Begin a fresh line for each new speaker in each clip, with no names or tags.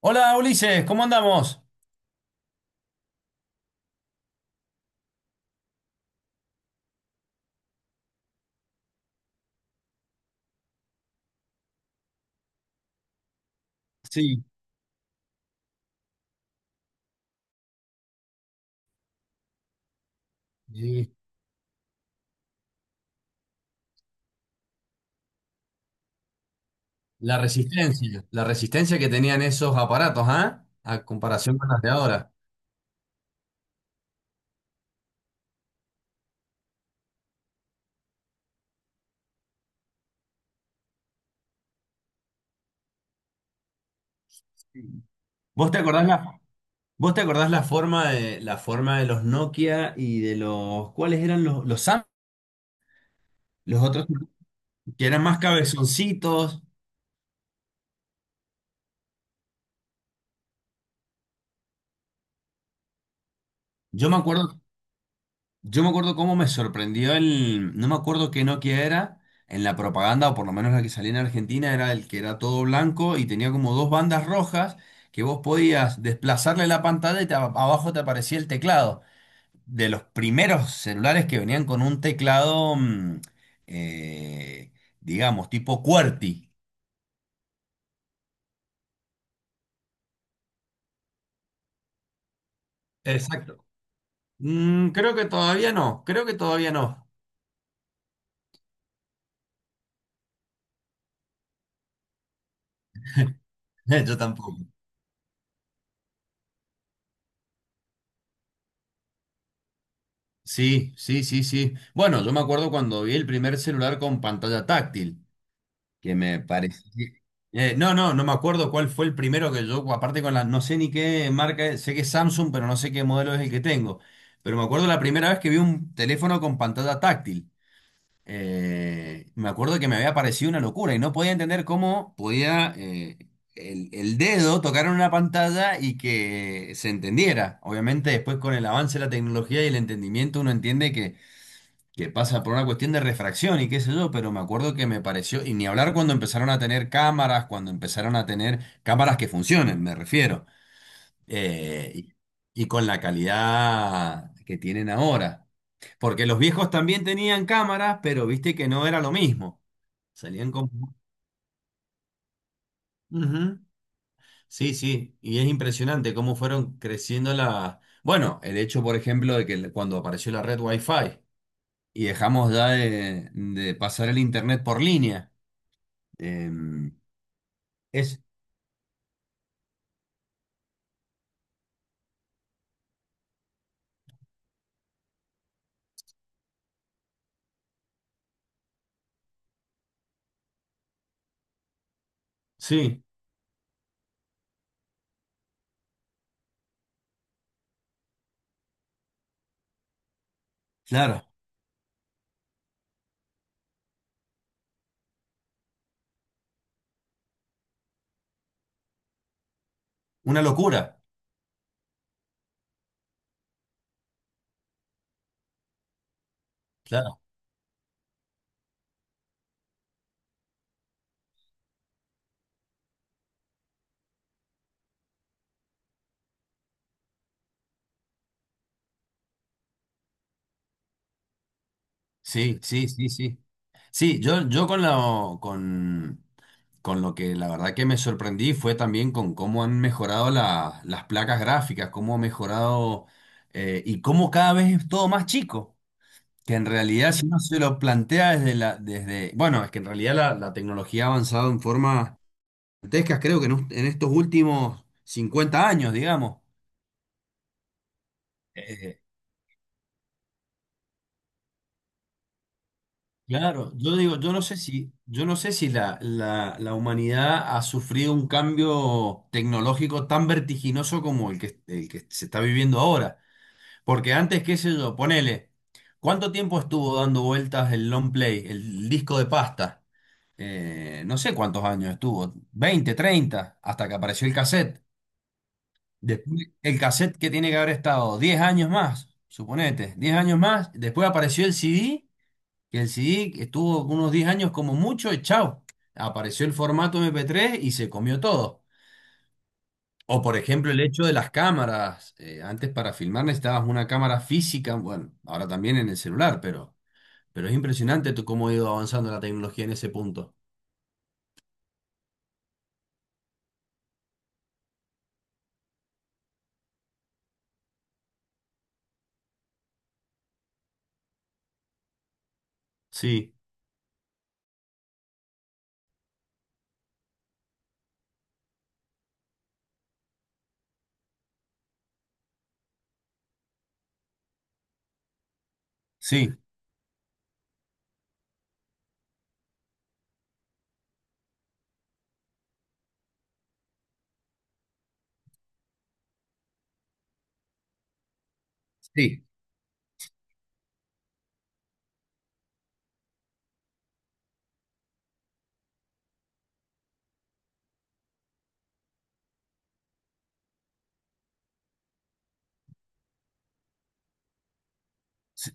Hola Ulises, ¿cómo andamos? Sí, sí. La resistencia que tenían esos aparatos, ¿ah? A comparación con las de ahora. ¿Vos te acordás la, vos te acordás la forma de los Nokia y ¿cuáles eran los Sam? Los otros que eran más cabezoncitos. Yo me acuerdo Yo me acuerdo cómo me sorprendió no me acuerdo qué Nokia era, en la propaganda, o por lo menos la que salía en Argentina, era el que era todo blanco y tenía como dos bandas rojas que vos podías desplazarle la pantalla y abajo te aparecía el teclado. De los primeros celulares que venían con un teclado, eh, digamos, tipo QWERTY. Exacto. Creo que todavía no, creo que todavía no. Yo tampoco. Sí, sí, sí, sí. Bueno, yo me acuerdo cuando vi el primer celular con pantalla táctil, que me parecía. No, no, no me acuerdo cuál fue el primero que yo, aparte no sé ni qué marca, sé que es Samsung, pero no sé qué modelo es el que tengo. Pero me acuerdo la primera vez que vi un teléfono con pantalla táctil. Me acuerdo que me había parecido una locura y no podía entender cómo podía el dedo tocar en una pantalla y que se entendiera. Obviamente después con el avance de la tecnología y el entendimiento uno entiende que pasa por una cuestión de refracción y qué sé yo, pero me acuerdo que me pareció, y ni hablar cuando empezaron a tener cámaras, cuando empezaron a tener cámaras que funcionen, me refiero, eh, y, y con la calidad que tienen ahora. Porque los viejos también tenían cámaras, pero viste que no era lo mismo. Salían con. Ujú. Sí, sí, y es impresionante cómo fueron creciendo la. Bueno, el hecho, por ejemplo, de que cuando apareció la red Wi-Fi y dejamos ya de pasar el internet por línea. Em, es, Sí, claro, una locura, claro, sí, sí, sí, sí. Sí, yo con lo que la verdad que me sorprendí fue también con cómo han mejorado las placas gráficas, cómo ha mejorado y cómo cada vez es todo más chico, que en realidad si uno se lo plantea bueno, es que en realidad la tecnología ha avanzado en forma gigantesca, creo que en estos últimos 50 años, digamos. Claro, yo digo, yo no sé si la humanidad ha sufrido un cambio tecnológico tan vertiginoso como el que se está viviendo ahora. Porque antes, qué sé yo, ponele, ¿cuánto tiempo estuvo dando vueltas el long play, el disco de pasta? No sé cuántos años estuvo, 20, 30, hasta que apareció el cassette. Después, el cassette que tiene que haber estado 10 años más, suponete, 10 años más, después apareció el CD que el CD estuvo unos 10 años como mucho y chao. Apareció el formato MP3 y se comió todo. O por ejemplo el hecho de las cámaras. Antes para filmar necesitabas una cámara física, bueno, ahora también en el celular, pero, es impresionante tú cómo ha ido avanzando la tecnología en ese punto. Sí, sí, sí. Sí.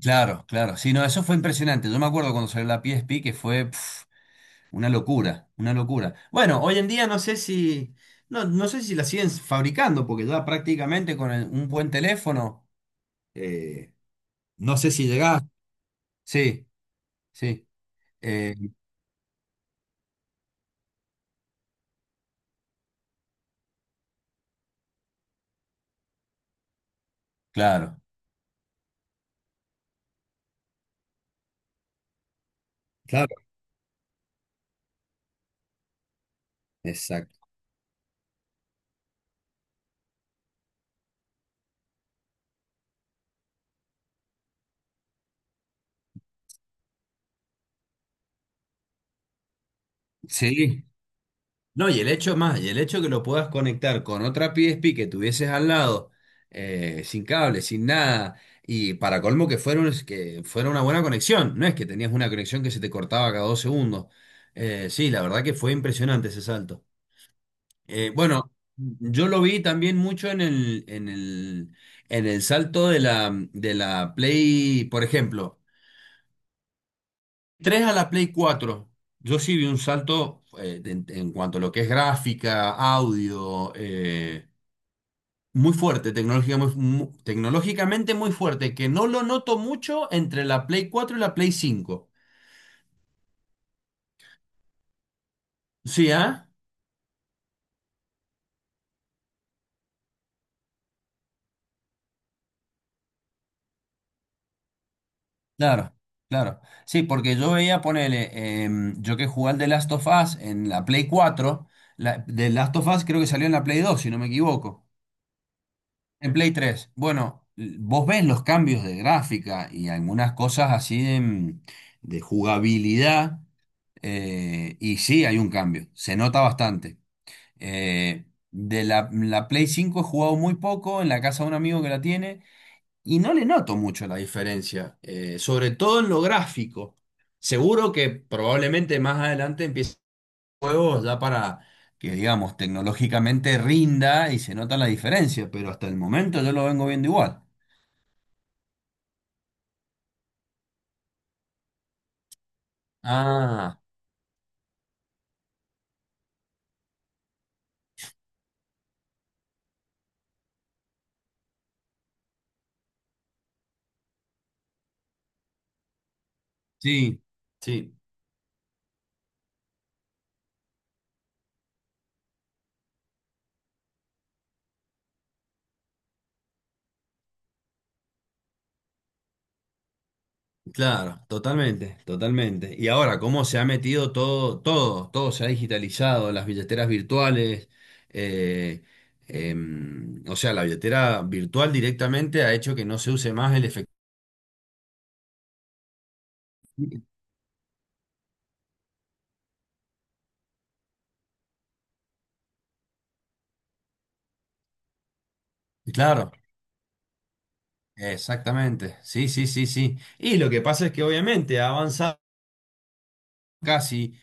Claro, claro. Sí, no, eso fue impresionante. Yo me acuerdo cuando salió la PSP que fue. Una locura, una locura. Bueno, hoy en día no sé si, no, no sé si la siguen fabricando, porque ya prácticamente con un buen teléfono, eh, no sé si llegás. Sí, sí, eh, claro, claro, exacto. Sí, no, y y el hecho que lo puedas conectar con otra PSP que tuvieses al lado, sin cable, sin nada, y para colmo que fuera, que fuera una buena conexión, no es que tenías una conexión que se te cortaba cada 2 segundos. Sí, la verdad que fue impresionante ese salto. Bueno, yo lo vi también mucho en el salto de la Play, por ejemplo 3 a la Play cuatro, yo sí vi un salto en cuanto a lo que es gráfica, audio, muy fuerte, tecnología tecnológicamente muy fuerte, que no lo noto mucho entre la Play 4 y la Play cinco. Sí, ¿ah? Claro, claro. Sí, porque yo veía, ponele, yo que jugué al The Last of Us en la Play cuatro. The Last of Us creo que salió en la Play 2 si no me equivoco. En Play 3, bueno, vos ves los cambios de gráfica y algunas cosas así de jugabilidad, y sí hay un cambio, se nota bastante. De la Play 5 he jugado muy poco en la casa de un amigo que la tiene y no le noto mucho la diferencia, sobre todo en lo gráfico. Seguro que probablemente más adelante empiece juegos ya para que, digamos, tecnológicamente rinda y se nota la diferencia, pero hasta el momento yo lo vengo viendo igual. Ah, sí, sí, claro, totalmente, totalmente. Y ahora, cómo se ha metido todo, todo, todo se ha digitalizado, las billeteras virtuales, eh, o sea, la billetera virtual directamente ha hecho que no se use más el efectivo. Claro, exactamente, sí, sí, sí, sí. Y lo que pasa es que obviamente ha avanzado casi.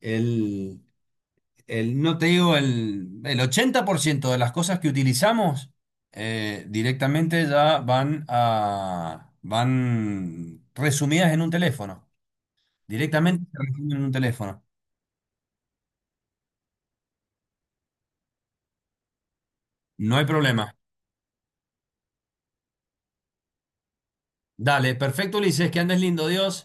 El, no te digo, el 80% de las cosas que utilizamos directamente ya van resumidas en un teléfono. Directamente se resumen en un teléfono. No hay problema. Dale, perfecto, Ulises, que andes lindo, Dios.